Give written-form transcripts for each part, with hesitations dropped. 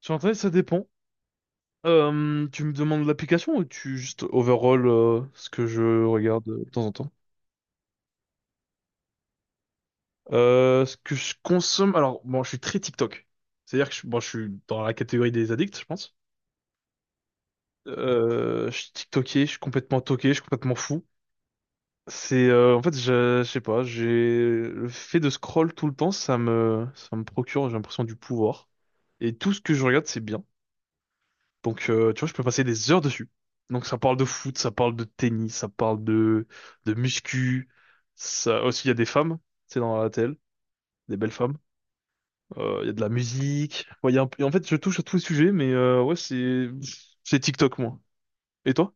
Sur Internet, ça dépend. Tu me demandes l'application ou tu juste overall ce que je regarde de temps en temps? Ce que je consomme, alors bon, je suis très TikTok. C'est-à-dire que je, bon, je suis dans la catégorie des addicts, je pense. Je suis TikToké, je suis complètement toqué, je suis complètement fou. C'est en fait, je sais pas, j'ai le fait de scroll tout le temps, ça me procure, j'ai l'impression du pouvoir. Et tout ce que je regarde, c'est bien. Donc, tu vois, je peux passer des heures dessus. Donc, ça parle de foot, ça parle de tennis, de muscu. Ça aussi, il y a des femmes, c'est dans la télé, des belles femmes. Il y a de la musique. Ouais, il y a un peu- En fait, je touche à tous les sujets, mais ouais, c'est TikTok, moi. Et toi?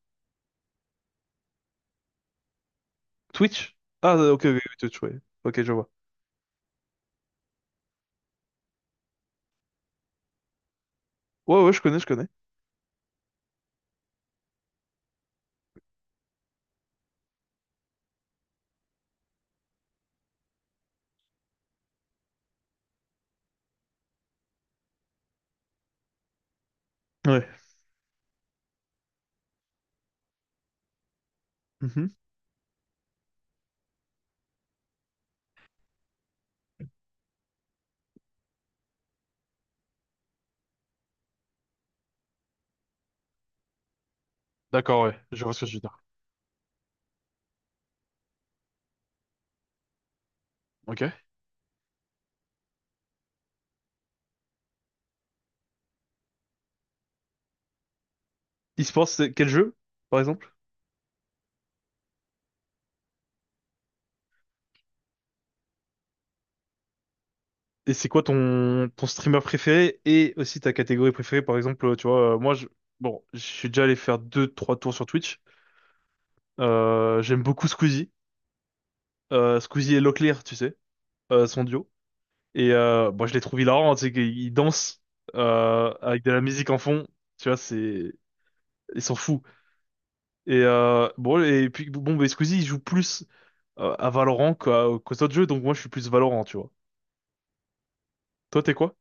Twitch? Ah, ok, ok, ok, Twitch, ouais. Ok, je vois. Ouais, ouais, je connais, je connais. Ouais. Mhm. D'accord, ouais, je vois ce que tu veux dire. Ok. E-sport, c'est quel jeu, par exemple? Et c'est quoi ton, ton streamer préféré et aussi ta catégorie préférée? Par exemple, tu vois, moi, je, bon, je suis déjà allé faire deux, trois tours sur Twitch. J'aime beaucoup Squeezie. Squeezie et Locklear, tu sais, son duo. Et bon, je les trouve hilarants, tu sais, qu'ils dansent avec de la musique en fond. Tu vois, c'est, ils sont fous. Et bon, et puis bon, mais Squeezie, il joue plus à Valorant qu'aux autres jeux, donc moi, je suis plus Valorant, tu vois. Toi, t'es quoi?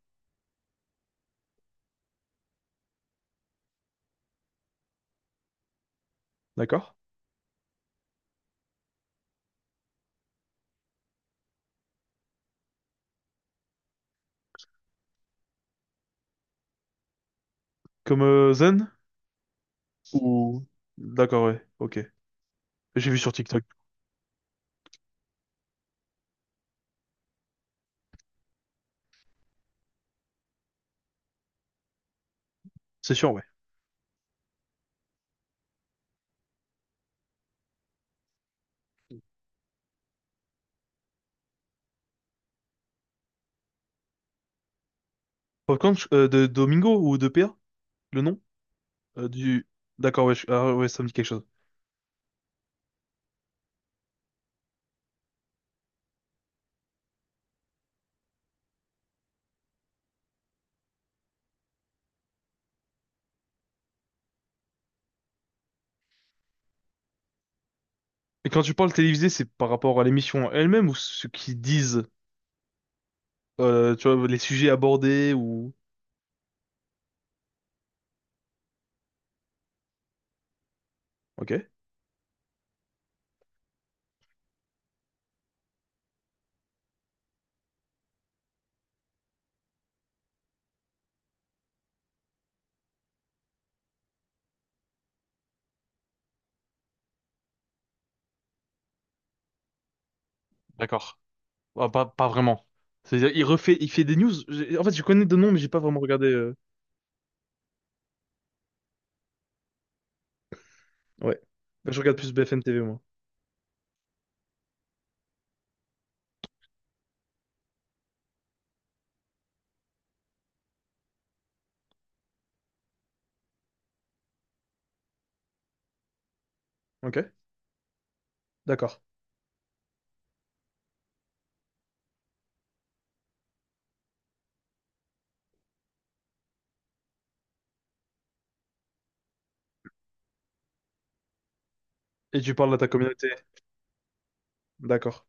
D'accord? Comme Zen? Ou... D'accord, ouais, ok. J'ai vu sur TikTok, c'est sûr, ouais. Popcorn de Domingo ou de PA, le nom du. D'accord, ouais, ouais, ça me dit quelque chose. Et quand tu parles télévisé, c'est par rapport à l'émission elle-même ou ce qu'ils disent, tu vois, les sujets abordés ou. Ok, d'accord. Ah, pas, pas vraiment. C'est-à-dire, il fait des news. En fait, je connais de nom, mais j'ai pas vraiment regardé. Ouais. Je regarde plus BFM TV, moi. Ok, d'accord. Et tu parles à ta communauté, d'accord.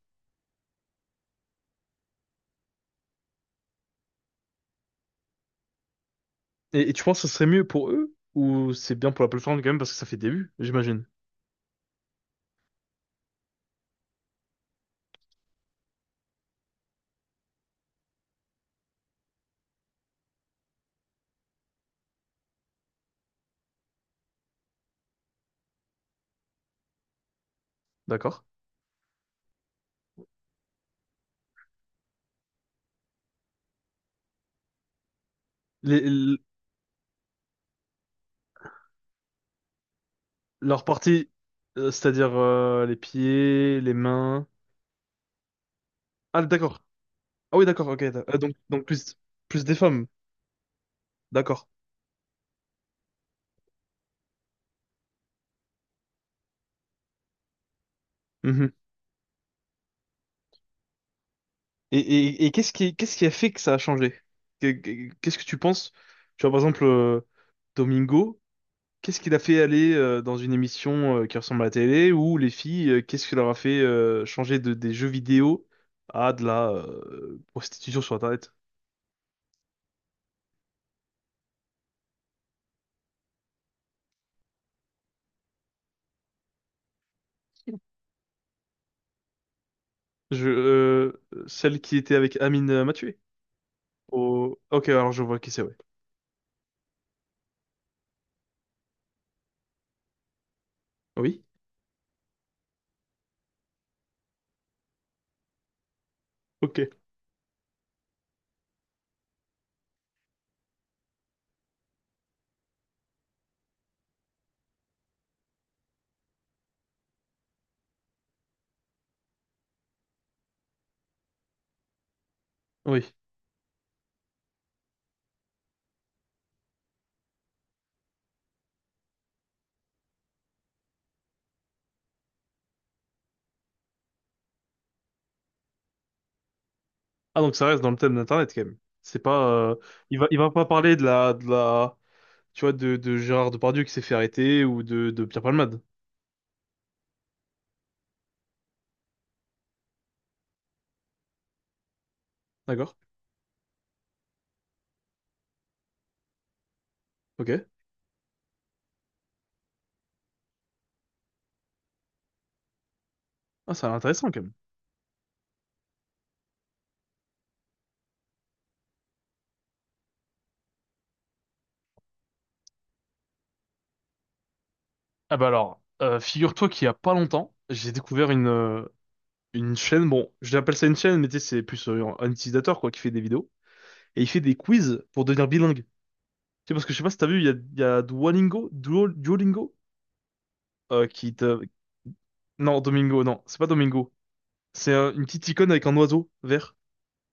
Et tu penses que ce serait mieux pour eux ou c'est bien pour la plateforme quand même parce que ça fait début, j'imagine. D'accord. Les, l- leurs parties, c'est-à-dire les pieds, les mains. Ah, d'accord. Ah oui, d'accord, ok. Donc plus, plus des femmes, d'accord. Mhm. Et qu'est-ce qui a fait que ça a changé? Qu'est-ce que tu penses? Tu vois, par exemple, Domingo, qu'est-ce qu'il a fait aller dans une émission qui ressemble à la télé ou les filles, qu'est-ce qui leur a fait changer des jeux vidéo à de la prostitution sur Internet? Celle qui était avec Amine Mathieu? Oh, ok, alors je vois qui c'est, ouais. Oui? Ok. Oui. Ah, donc ça reste dans le thème d'Internet, quand même. C'est pas... il va pas parler de la... De la... Tu vois, de Gérard Depardieu qui s'est fait arrêter ou de Pierre Palmade. D'accord? Ok. Ah, ça a l'air intéressant, quand même. Ah bah alors, figure-toi qu'il y a pas longtemps, j'ai découvert une chaîne, bon, je l'appelle ça une chaîne, mais tu sais, c'est plus un utilisateur, quoi, qui fait des vidéos. Et il fait des quiz pour devenir bilingue. Tu sais, parce que je sais pas si t'as vu, il y a Duolingo, Duolingo qui te... Non, Domingo, non, c'est pas Domingo. C'est une petite icône avec un oiseau vert.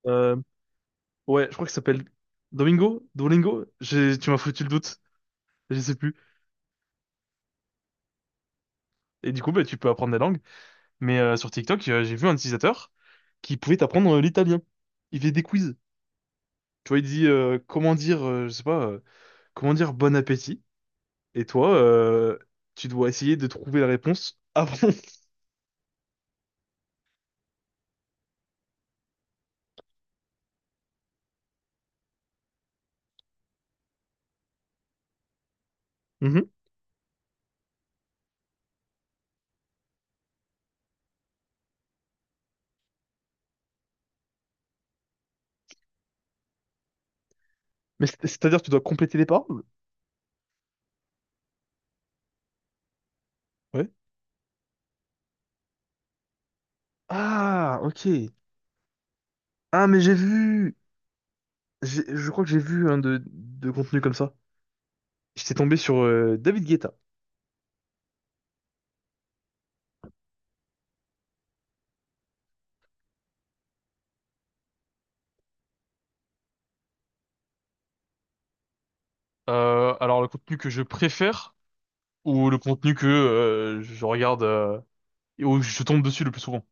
Euh, ouais, je crois qu'il s'appelle Domingo, Dolingo. Tu m'as foutu le doute, je sais plus. Et du coup, bah, tu peux apprendre des langues. Mais sur TikTok, j'ai vu un utilisateur qui pouvait t'apprendre l'italien. Il fait des quiz. Tu vois, il dit comment dire, je sais pas, comment dire bon appétit. Et toi, tu dois essayer de trouver la réponse avant. Mhm. Mais c'est-à-dire, tu dois compléter les paroles. Ouais. Ah, ok. Ah, mais j'ai vu, je crois que j'ai vu un de contenu comme ça. J'étais tombé sur David Guetta. Alors le contenu que je préfère ou le contenu que je regarde et où je tombe dessus le plus souvent?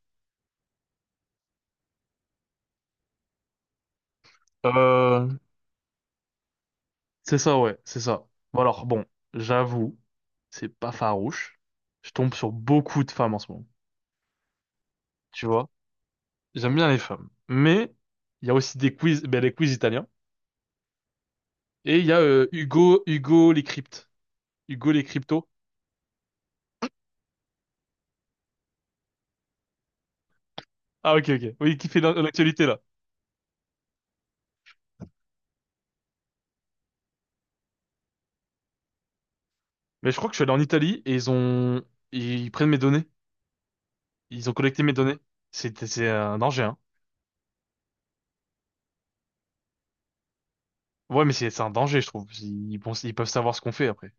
Euh, c'est ça, ouais, c'est ça. Bon, alors bon, j'avoue, c'est pas farouche. Je tombe sur beaucoup de femmes en ce moment. Tu vois, j'aime bien les femmes, mais il y a aussi des quiz, ben, les quiz italiens et il y a Hugo, Hugo les cryptes, Hugo les cryptos. Ah ok ok. Oui, qui fait l'actualité là. Mais je crois que je suis allé en Italie et ils prennent mes données. Ils ont collecté mes données. C'est un danger hein. Ouais mais c'est un danger je trouve. Ils peuvent savoir ce qu'on fait après.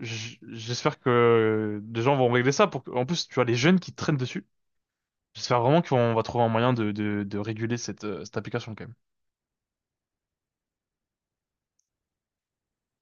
J'espère que des gens vont régler ça pour que... En plus tu vois les jeunes qui traînent dessus. J'espère vraiment qu'on va trouver un moyen de réguler cette cette application quand même.